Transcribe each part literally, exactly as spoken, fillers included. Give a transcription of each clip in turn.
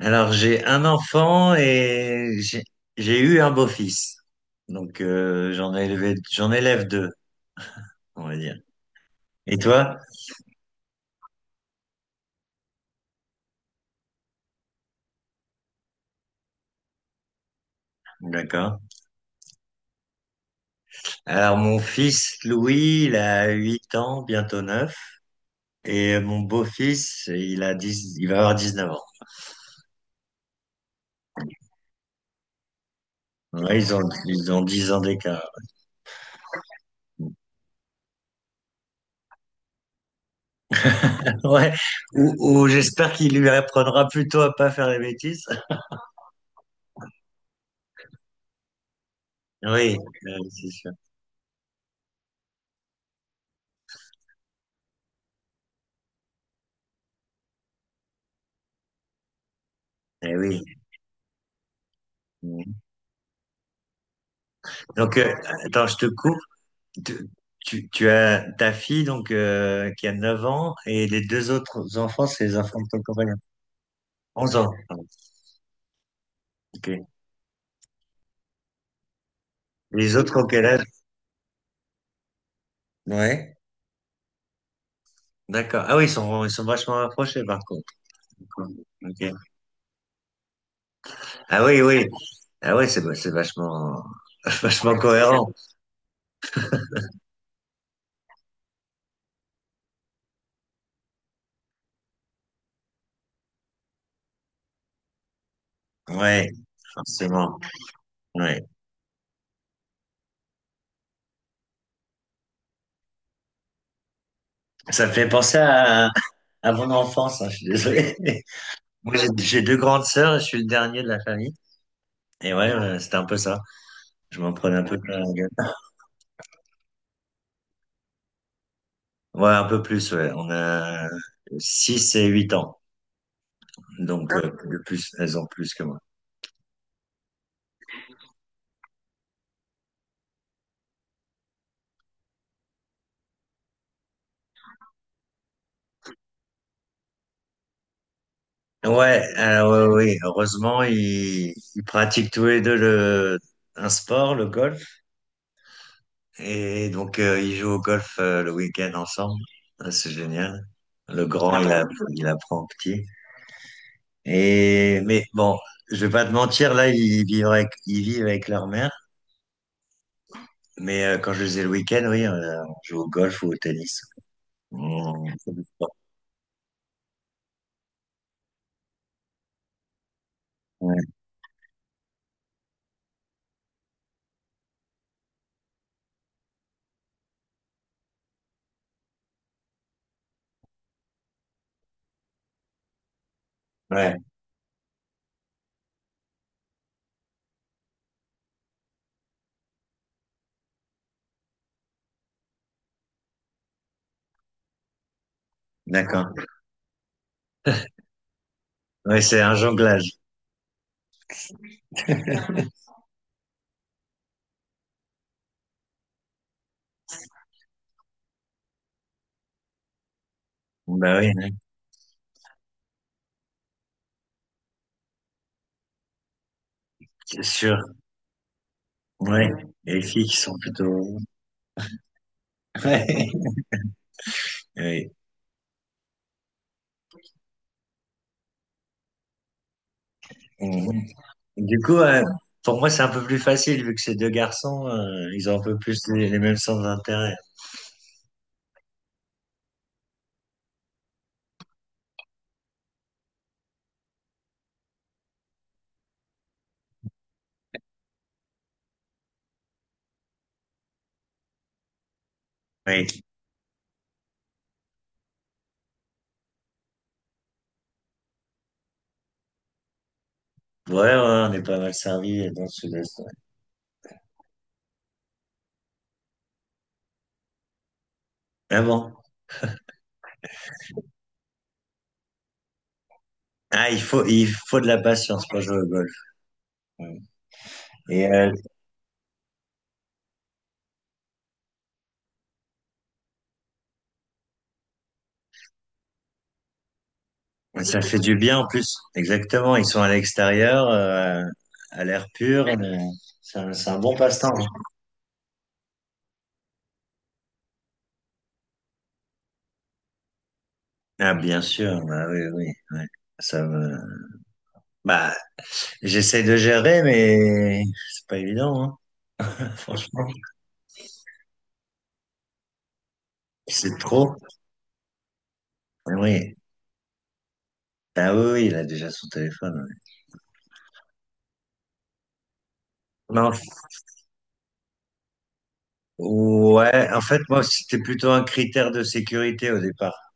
Alors, j'ai un enfant et j'ai j'ai eu un beau-fils. Donc, euh, j'en ai élevé, j'en élève deux, on va dire. Et toi? D'accord. Alors, mon fils Louis, il a huit ans, bientôt neuf, et mon beau-fils, il a dix, il va avoir dix-neuf ans. Ouais, ils ont, ils ont dix ans d'écart. Ouais. Ou, ou j'espère qu'il lui apprendra plutôt à pas faire les bêtises. Oui, euh, c'est sûr. Eh oui. Donc, euh, attends, je te coupe. Tu, tu- tu as ta fille donc euh, qui a neuf ans et les deux autres enfants, c'est les enfants de ton compagnon. Onze ans. Pardon. Ok. Les autres ont quel âge? Ouais. D'accord. Ah oui, ils sont, ils sont vachement rapprochés par contre. D'accord. Ok. Ah oui, oui. Ah oui, c'est c'est vachement, vachement cohérent. Ouais, forcément. Ouais. Ça me fait penser à, à mon enfance, hein, je suis désolé. Moi, j'ai j'ai deux grandes sœurs, je suis le dernier de la famille. Et ouais, euh, c'était un peu ça. Je m'en prenais un peu plein la gueule. Ouais, un peu plus, ouais. On a six et huit ans. Donc, ah, euh, de plus, elles ont plus que moi. Ouais, euh, ouais, oui. Heureusement, ils, ils pratiquent tous les deux le, un sport, le golf. Et donc, euh, ils jouent au golf euh, le week-end ensemble. Ah, c'est génial. Le grand, ah, il, trop a, cool. Il apprend au petit. Et, mais bon, je vais pas te mentir, là, ils vivent avec, ils vivent avec leur mère. Mais euh, quand je les ai le week-end, oui, euh, on joue au golf ou au tennis. On- fait du sport. Ouais. Ouais. D'accord. Oui, c'est un jonglage. Bon, Bah oui, hein, c'est sûr. Ouais. Les filles qui sont plutôt. Ouais. Oui. Mhm. Du coup, euh, pour moi, c'est un peu plus facile vu que ces deux garçons, euh, ils ont un peu plus les, les mêmes sens d'intérêt. Oui. Ouais, ouais, on est pas mal servi dans le sud-est. ouais. Mais bon. Ah, il faut, il faut de la patience pour jouer au golf. Ouais. Et euh, ça fait du bien en plus. Exactement. Ils sont à l'extérieur, euh, à l'air pur. mais C'est un, c'est un bon passe-temps. Ah, bien sûr, bah oui, oui, oui. Ça me... Bah, j'essaie de gérer, mais c'est pas évident, hein. Franchement, c'est trop. Oui. Ah oui, oui, il a déjà son téléphone. ouais. Mais en f- ouais, en fait, moi, c'était plutôt un critère de sécurité au départ.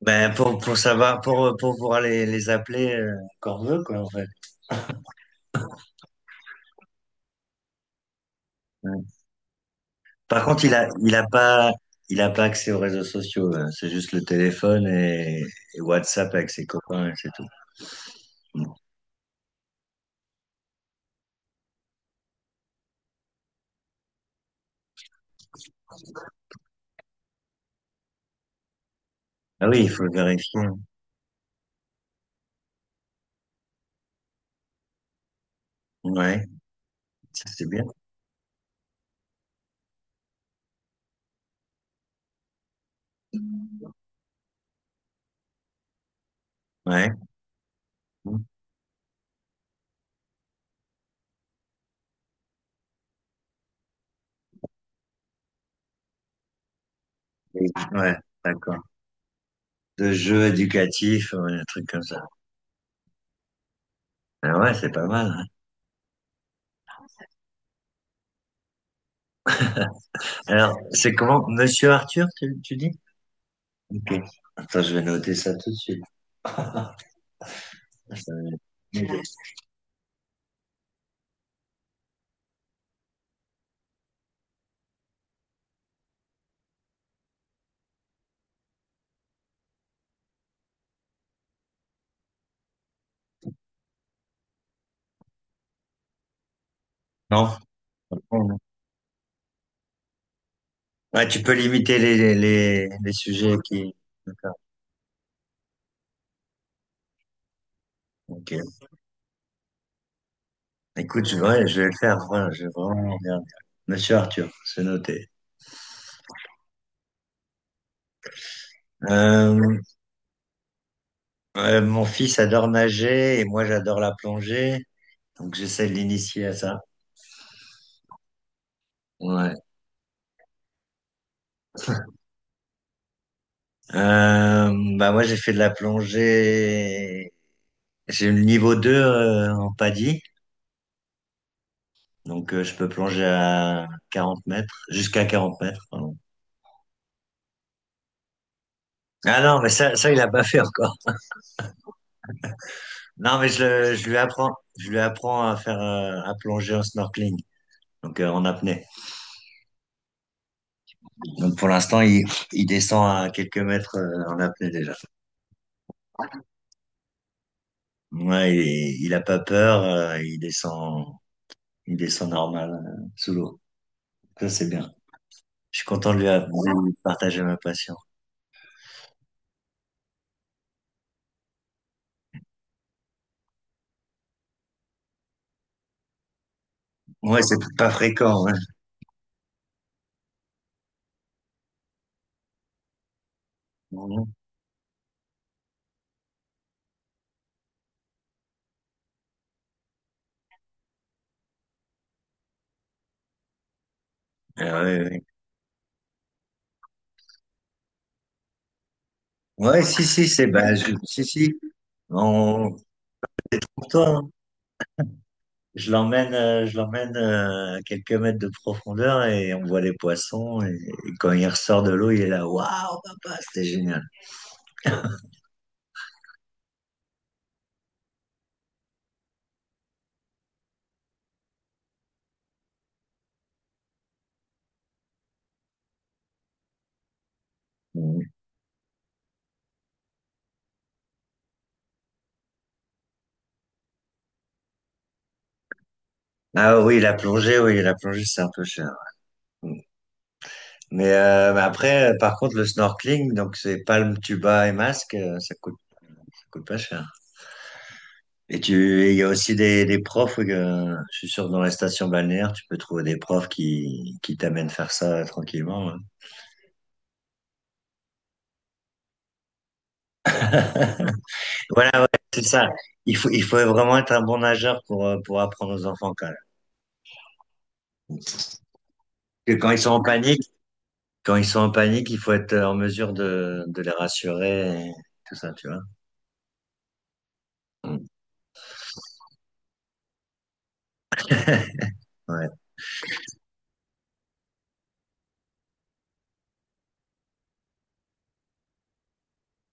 Ben, pour, pour savoir, pour, pour pouvoir les, les appeler euh, quand on veut, quoi, en fait. Ouais. Par contre, il a, il a pas, il a pas accès aux réseaux sociaux, hein. C'est juste le téléphone et, et WhatsApp avec ses copains, et c'est tout. Ah oui, il faut le vérifier. Ouais, ça c'est bien. Ouais. Et- Ouais, d'accord. De jeux éducatifs, ouais, un truc comme ça. Ah ouais, c'est pas mal. hein. Alors, c'est comment? Monsieur Arthur, tu, tu dis? Ok. Attends, je vais noter ça tout de suite. Ça va m'aider. Non? Ouais, tu peux limiter les, les, les, les sujets qui... D'accord, ok. Écoute, je vais, je vais le faire. Voilà, je vais vraiment regarder. Monsieur Arthur, c'est noté. Euh, euh, Mon fils adore nager et moi j'adore la plongée. Donc j'essaie de l'initier à ça. Ouais. Euh, Bah moi j'ai fait de la plongée. J'ai le niveau deux euh, en paddy, donc euh, je peux plonger à quarante mètres, jusqu'à quarante mètres. pardon. Ah non, mais ça, ça il a pas fait encore. Non, mais je, le- je lui apprends, je lui apprends à faire euh, à plonger en snorkeling, donc euh, en apnée. Donc pour l'instant il, il descend à quelques mètres euh, en apnée déjà. Ouais, il, il a pas peur, euh, il descend, il descend normal euh, sous l'eau. Ça c'est bien. Je suis content de lui avoir de partager ma passion. Ouais, c'est pas fréquent, ouais. Mhm. Ah ouais, ouais. Ouais, si, si, c'est, bah, je- si, si. On, toi, hein. je l'emmène, euh, je l'emmène, euh, à quelques mètres de profondeur et on voit les poissons et, et quand il ressort de l'eau, il est là, waouh, papa, c'était génial. Mhm. Ah oui, la plongée, oui, la plongée, c'est un peu cher. Mhm. Mais, euh, mais après, euh, par contre, le snorkeling, donc c'est palme, tuba et masque, euh, ça coûte, ça coûte pas cher. Et tu, et il y a aussi des, des profs, euh, je suis sûr que dans les stations balnéaires, tu peux trouver des profs qui, qui t'amènent faire ça tranquillement. hein. Voilà, ouais, c'est ça. Il faut, il faut vraiment être un bon nageur pour, euh, pour apprendre aux enfants quand même. Parce que quand ils sont en panique, quand ils sont en panique, il faut être euh, en mesure de, de les rassurer et tout ça, tu vois. Mm. Ouais.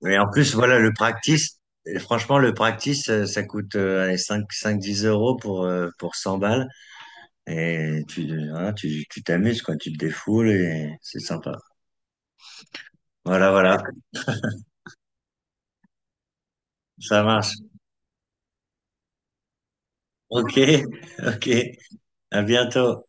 Et en plus, voilà, le practice, euh, franchement, le practice, euh, ça coûte, euh, allez, cinq, cinq, dix euros pour, euh, pour cent balles. Et tu voilà, tu tu t'amuses, quoi, tu te défoules et c'est sympa. Voilà, voilà, ça marche. OK, OK, à bientôt.